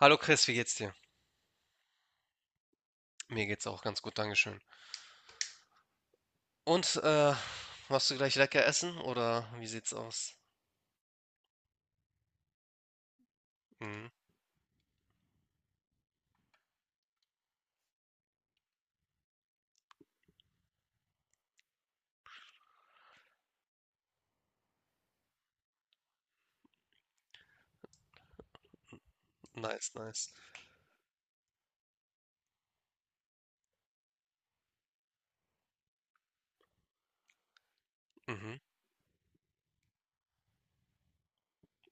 Hallo Chris, wie geht's dir? Mir geht's auch ganz gut, Dankeschön. Und machst du gleich lecker essen oder wie sieht's aus? Mhm, nice, nice. Mhm,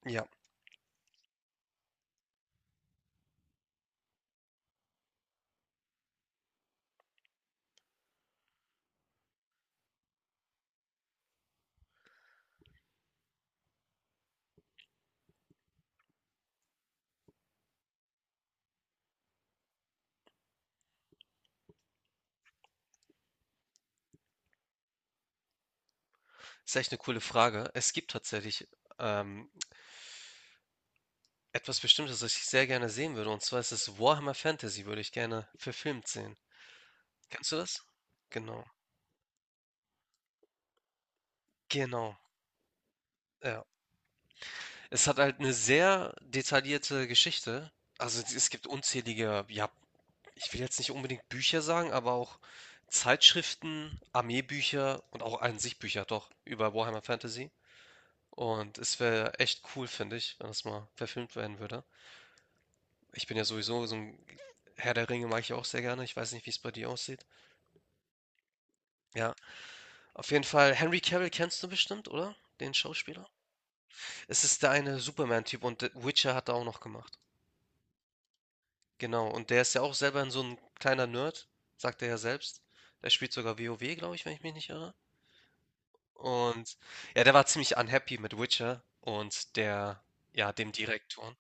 ja, ist echt eine coole Frage. Es gibt tatsächlich ähm, etwas Bestimmtes, das ich sehr gerne sehen würde. Und zwar ist es Warhammer Fantasy, würde ich gerne verfilmt sehen. Kennst du das? Genau, genau. Ja. Es hat halt eine sehr detaillierte Geschichte. Also es gibt unzählige, ja, ich will jetzt nicht unbedingt Bücher sagen, aber auch Zeitschriften, Armeebücher und auch an sich Bücher doch über Warhammer Fantasy. Und es wäre echt cool, finde ich, wenn das mal verfilmt werden würde. Ich bin ja sowieso so ein Herr der Ringe mag ich auch sehr gerne. Ich weiß nicht, wie es bei dir aussieht. Ja, auf jeden Fall. Henry Cavill kennst du bestimmt, oder? Den Schauspieler. Es ist der eine Superman-Typ und The Witcher hat er auch noch gemacht. Genau, und der ist ja auch selber so ein kleiner Nerd, sagt er ja selbst. Der spielt sogar WoW, glaube ich, wenn ich mich nicht irre. Und ja, der war ziemlich unhappy mit Witcher und der, ja, dem Direktor.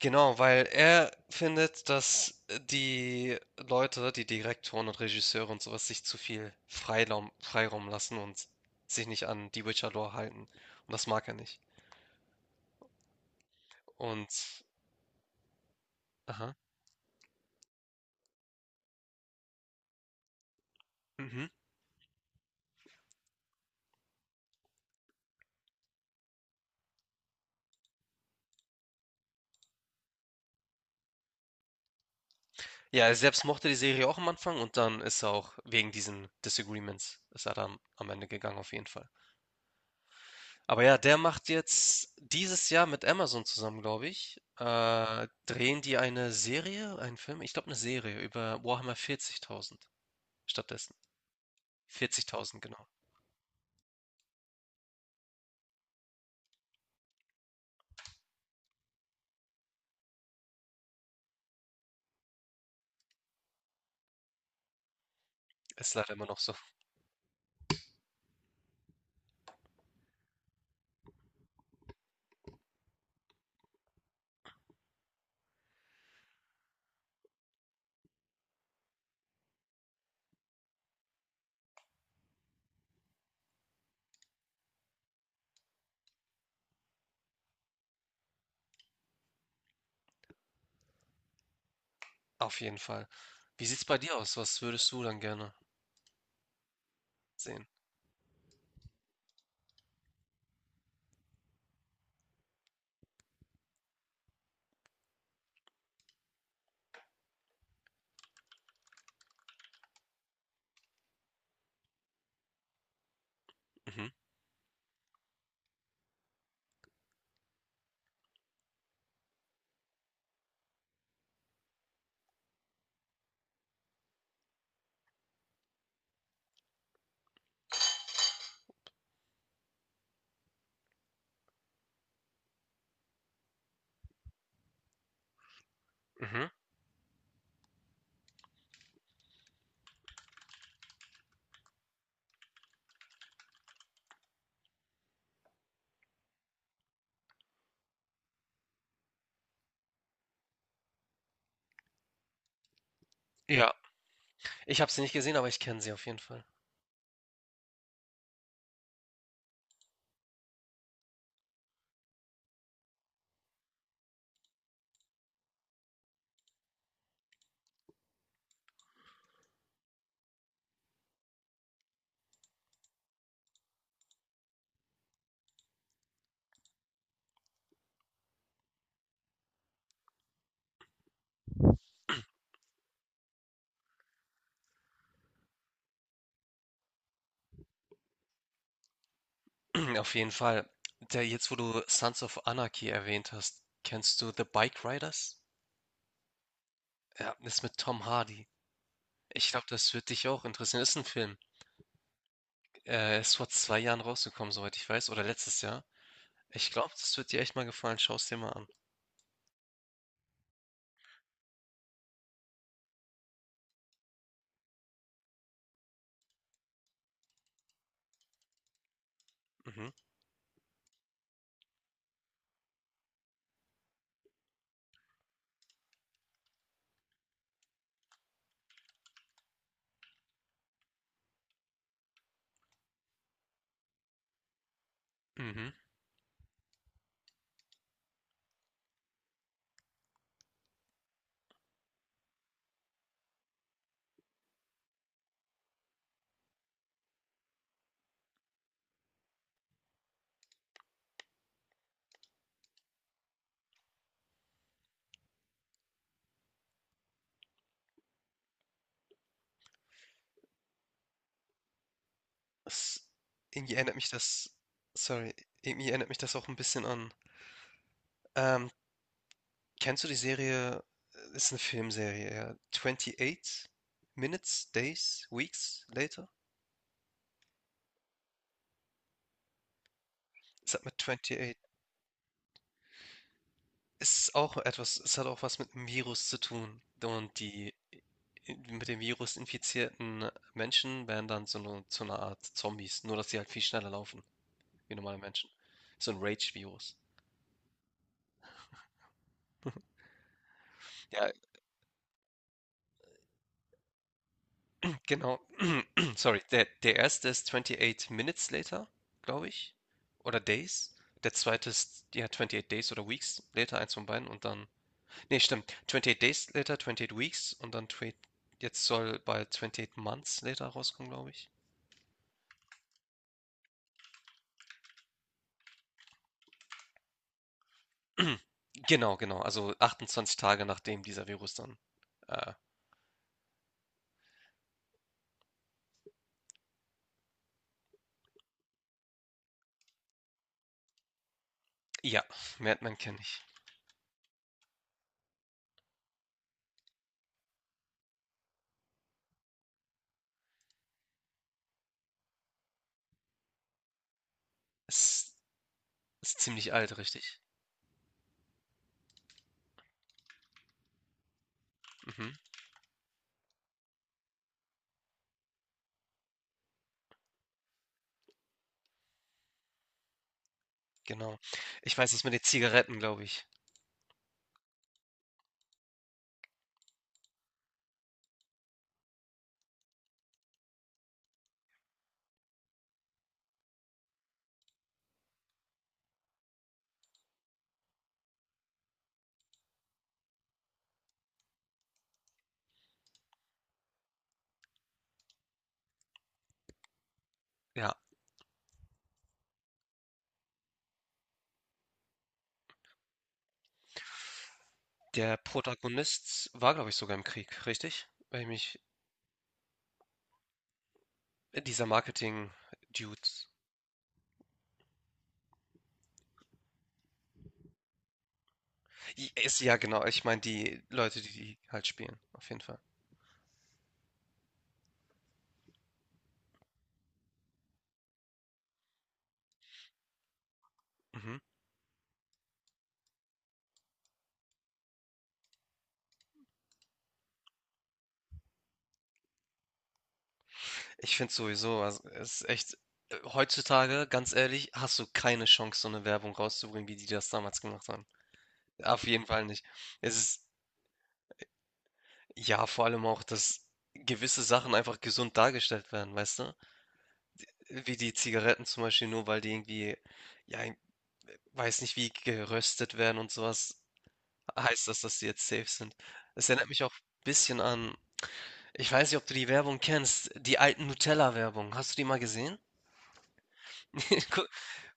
Genau, weil er findet, dass die Leute, die Direktoren und Regisseure und sowas, sich zu viel Freiraum lassen und sich nicht an die Witcher-Lore halten. Und das mag er nicht. Und, aha, mhm. Ja, er selbst mochte die Serie auch am Anfang und dann ist er auch wegen diesen Disagreements, ist er dann am Ende gegangen, auf jeden Fall. Aber ja, der macht jetzt dieses Jahr mit Amazon zusammen, glaube ich, drehen die eine Serie, einen Film, ich glaube eine Serie über Warhammer 40.000 stattdessen. 40.000, genau. Ist leider immer noch so. Auf jeden Fall. Wie sieht's bei dir aus? Was würdest du dann gerne sehen? Mhm. Mhm. Ja, ich habe sie nicht gesehen, aber ich kenne sie auf jeden Fall. Auf jeden Fall. Der, jetzt, wo du Sons of Anarchy erwähnt hast, kennst du The Bike Riders? Ja, ist mit Tom Hardy. Ich glaube, das wird dich auch interessieren. Ist ein Film. Ist vor 2 Jahren rausgekommen, soweit ich weiß, oder letztes Jahr. Ich glaube, das wird dir echt mal gefallen. Schau es dir mal an. Mhm, mhm. Es irgendwie erinnert mich das sorry, Irgendwie erinnert mich das auch ein bisschen an ähm, kennst du die Serie ist eine Filmserie, ja, „28 Minutes, Days, Weeks Later“? Es hat mit „28“ es ist auch etwas, es hat auch was mit einem Virus zu tun und die mit dem Virus infizierten Menschen werden dann so eine zu 'ner Art Zombies, nur dass sie halt viel schneller laufen wie normale Menschen. So ein Rage-Virus. Ja, genau. Sorry. Der erste ist „28 Minutes Later“, glaube ich, oder „Days“. Der zweite ist, ja, „28 Days“ oder „Weeks Later“, eins von beiden und dann ne, stimmt, „28 Days Later“, „28 Weeks“ und dann twe jetzt soll bald „28 Months Later“ rauskommen, glaube ich. Genau, genau. Also 28 Tage, nachdem dieser Virus dann äh, ja, Mad kenne ich. Ist ziemlich alt, richtig. Mhm, genau. Ich weiß das mit den Zigaretten, glaube ich. Ja, der Protagonist war, glaube ich, sogar im Krieg, richtig? Weil ich mich dieser Marketing-Dude. Ist ja genau, ich meine die Leute, die die halt spielen, auf jeden Fall. Mhm. Ich finde sowieso, also, es ist echt heutzutage, ganz ehrlich, hast du keine Chance, so eine Werbung rauszubringen, wie die das damals gemacht haben. Auf jeden Fall nicht. Es ist ja vor allem auch, dass gewisse Sachen einfach gesund dargestellt werden, weißt du? Wie die Zigaretten zum Beispiel, nur weil die irgendwie, ja, ich weiß nicht, wie geröstet werden und sowas, heißt das, dass die jetzt safe sind. Es erinnert mich auch ein bisschen an, ich weiß nicht, ob du die Werbung kennst, die alten Nutella-Werbung. Hast du die mal gesehen? Gu-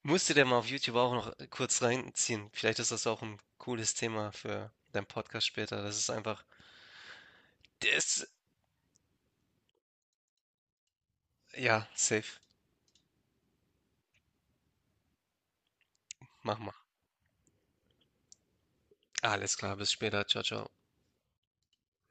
Musst du dir mal auf YouTube auch noch kurz reinziehen. Vielleicht ist das auch ein cooles Thema für deinen Podcast später. Das ist einfach, das, ja, safe. Mach mal. Alles klar, bis später. Ciao, ciao.